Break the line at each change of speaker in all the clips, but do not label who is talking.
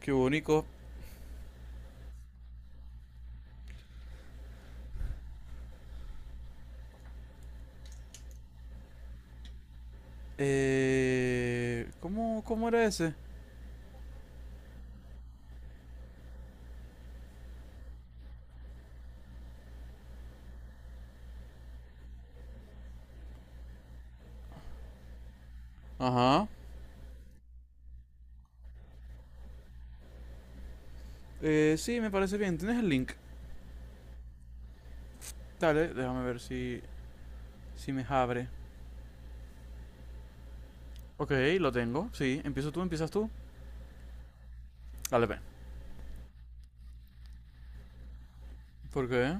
Qué bonito. ¿Cómo era ese? Ajá. Sí, me parece bien. ¿Tienes el link? Dale, déjame ver si, si me abre. Ok, lo tengo. Sí, empiezas tú. Dale, ve. ¿Por qué?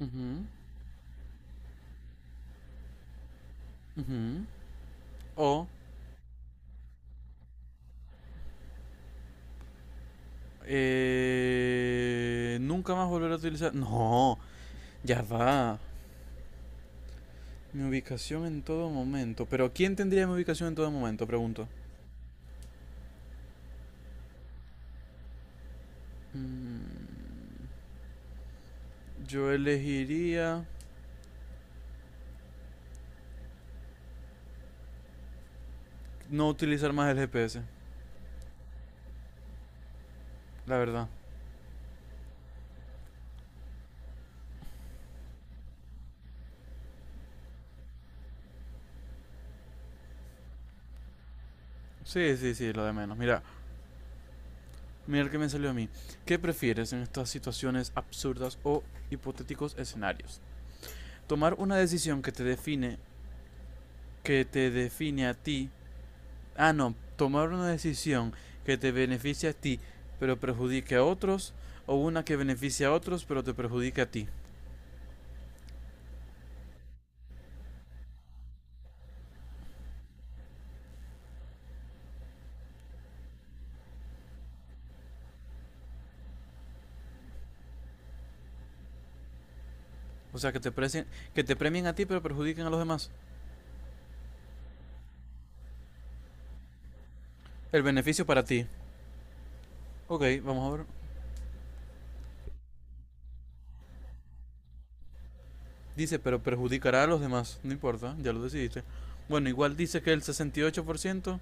Ujú, ujú. O, nunca más volver a utilizar. No, ya va. Mi ubicación en todo momento. Pero ¿quién tendría mi ubicación en todo momento? Pregunto. Mm, yo elegiría no utilizar más el GPS. La verdad. Sí, sí, sí, lo de menos. Mira, mira el que me salió a mí. ¿Qué prefieres en estas situaciones absurdas o hipotéticos escenarios? Tomar una decisión que te define, Que te define a ti. Ah, no, tomar una decisión que te beneficie a ti, pero perjudique a otros, o una que beneficie a otros, pero te perjudique a ti. O sea, que te premien a ti, pero perjudiquen a los demás. El beneficio para ti. Ok, vamos a ver. Dice, pero perjudicará a los demás. No importa, ya lo decidiste. Bueno, igual dice que el 68%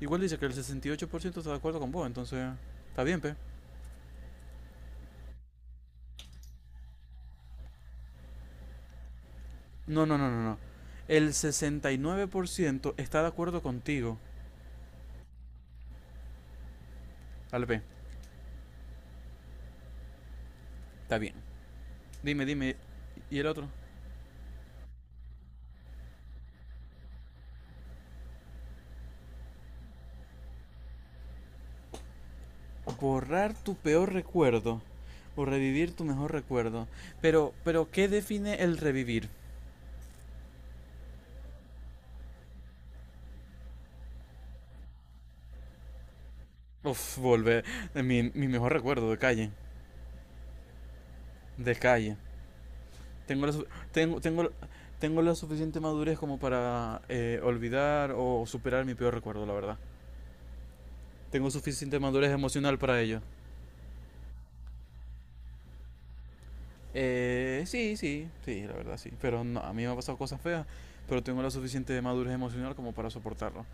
igual dice que el 68% está de acuerdo con vos, entonces está bien, pe. No, no, no, no, no. El 69% está de acuerdo contigo. Dale, pe. Está bien. Dime, dime. ¿Y el otro? Borrar tu peor recuerdo o revivir tu mejor recuerdo. Pero, ¿qué define el revivir? Uf, volver. Mi, mi mejor recuerdo de calle. De calle. Tengo, tengo la suficiente madurez como para olvidar o superar mi peor recuerdo, la verdad. Tengo suficiente madurez emocional para ello. Sí, sí, sí, la verdad, sí. Pero no, a mí me han pasado cosas feas, pero tengo la suficiente madurez emocional como para soportarlo.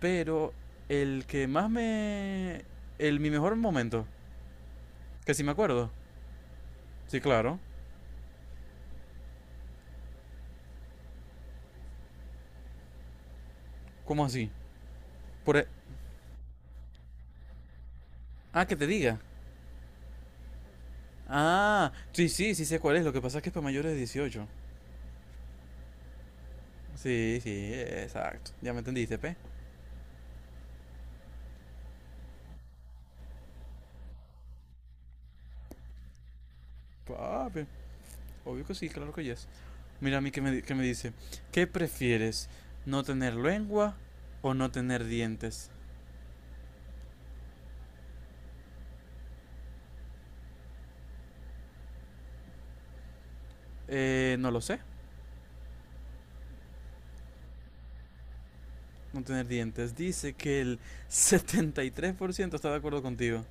Pero el que más me... El, mi mejor momento, que sí me acuerdo. Sí, claro. ¿Cómo así? Por... e- Ah, que te diga. Ah, sí, sí, sí sé cuál es. Lo que pasa es que es para mayores de 18. Sí, sí, exacto. Ya me entendiste, pe. Papi, obvio que sí, claro que yes. Mira a mí que me, di- que me dice, ¿qué prefieres? ¿No tener lengua o no tener dientes? No lo sé, no tener dientes. Dice que el 73% está de acuerdo contigo.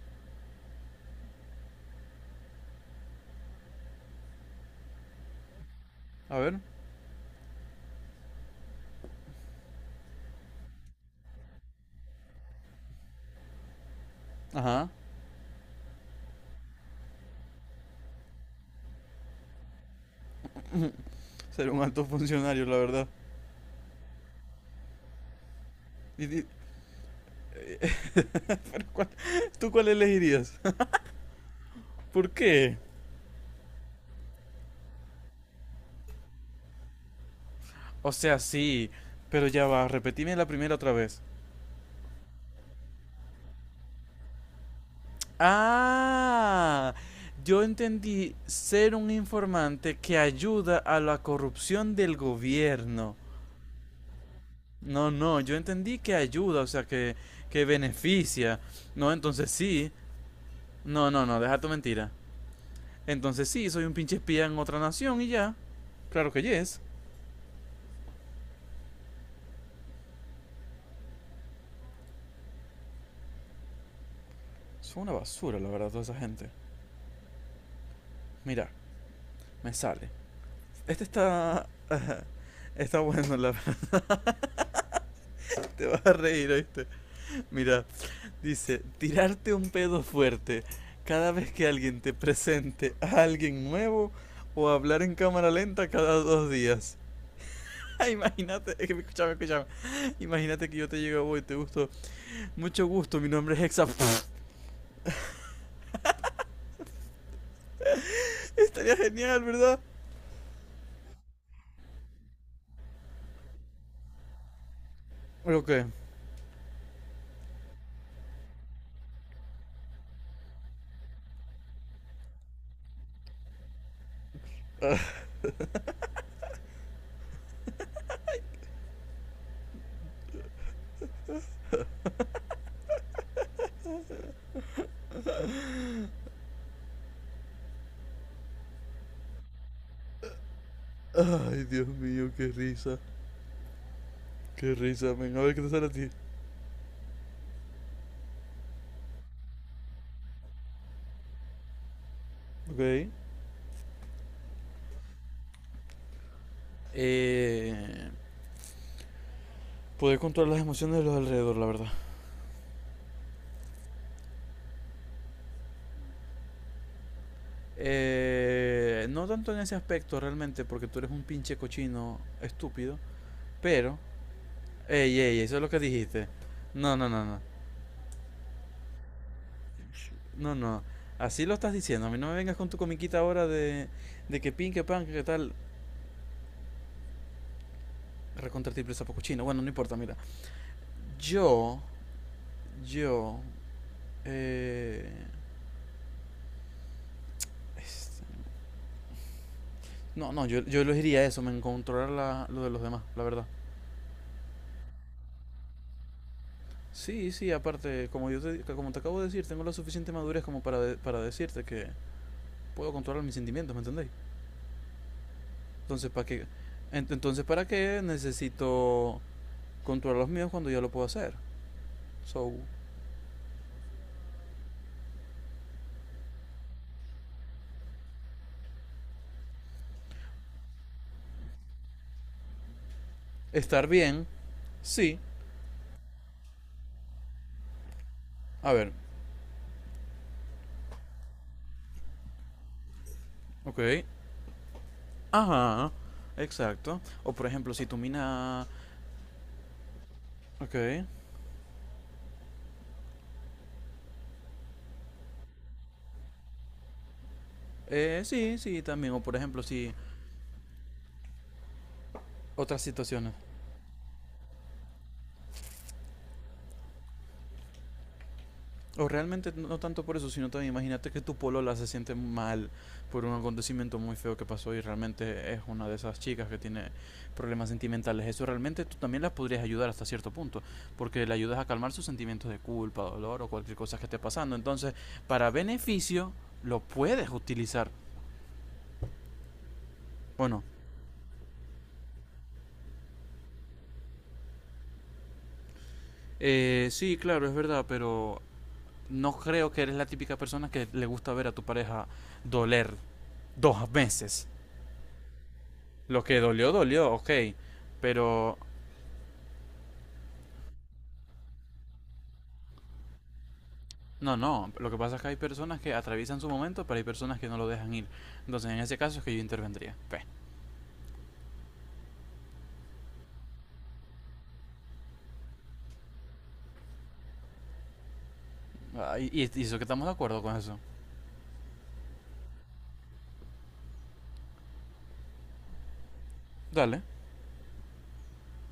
A ver, ajá, ser un alto funcionario, la verdad. Y di- ¿cuál- ¿Tú cuál elegirías? ¿Por qué? O sea, sí, pero ya va, repetime la primera otra vez. Ah, yo entendí ser un informante que ayuda a la corrupción del gobierno. No, no, yo entendí que ayuda, o sea, que beneficia. No, entonces sí. No, no, no, deja tu mentira. Entonces sí, soy un pinche espía en otra nación y ya. Claro que yes. Son una basura, la verdad, toda esa gente. Mira, me sale. Este está... Está bueno, la verdad. Te vas a reír, ¿oíste? Mira. Dice, tirarte un pedo fuerte cada vez que alguien te presente a alguien nuevo o hablar en cámara lenta cada 2 días. Imagínate, escúchame, escúchame. Imagínate que yo te llego voy, te gusto. Mucho gusto, mi nombre es Hexa. Estaría genial, ¿verdad? Ok. Ay, Dios mío, qué risa. Qué risa, men. A ver qué te sale a ti. Ok. Eh, Poder controlar las emociones de los alrededor, la verdad. No tanto en ese aspecto realmente, porque tú eres un pinche cochino estúpido, pero... Ey, ey, eso es lo que dijiste. No, no, no, no. No, no. Así lo estás diciendo. A mí no me vengas con tu comiquita ahora de que pin, que pan, que tal. Recontra triple sapo cochino. Bueno, no importa, mira. Yo, yo... Eh, este, no, no, yo elegiría eso, me encontrará lo de los demás, la verdad. Sí, sí, aparte, como te acabo de decir, tengo la suficiente madurez como para, para decirte que puedo controlar mis sentimientos, ¿me entendéis? Entonces, ¿para qué? Entonces, ¿para qué necesito controlar los míos cuando ya lo puedo hacer? So, estar bien, sí. A ver, ok. Ajá, exacto. O por ejemplo, si tu mina... Ok. Sí, sí, también. O por ejemplo, si... Otras situaciones. O realmente no tanto por eso, sino también imagínate que tu polola se siente mal por un acontecimiento muy feo que pasó y realmente es una de esas chicas que tiene problemas sentimentales. Eso realmente tú también las podrías ayudar hasta cierto punto, porque le ayudas a calmar sus sentimientos de culpa, dolor o cualquier cosa que esté pasando. Entonces, para beneficio, lo puedes utilizar. Bueno, sí, claro, es verdad, pero no creo que eres la típica persona que le gusta ver a tu pareja doler 2 veces. Lo que dolió, dolió, ok. Pero no, no. Lo que pasa es que hay personas que atraviesan su momento, pero hay personas que no lo dejan ir. Entonces, en ese caso es que yo intervendría. Ve. Ah, y eso que estamos de acuerdo con eso. Dale.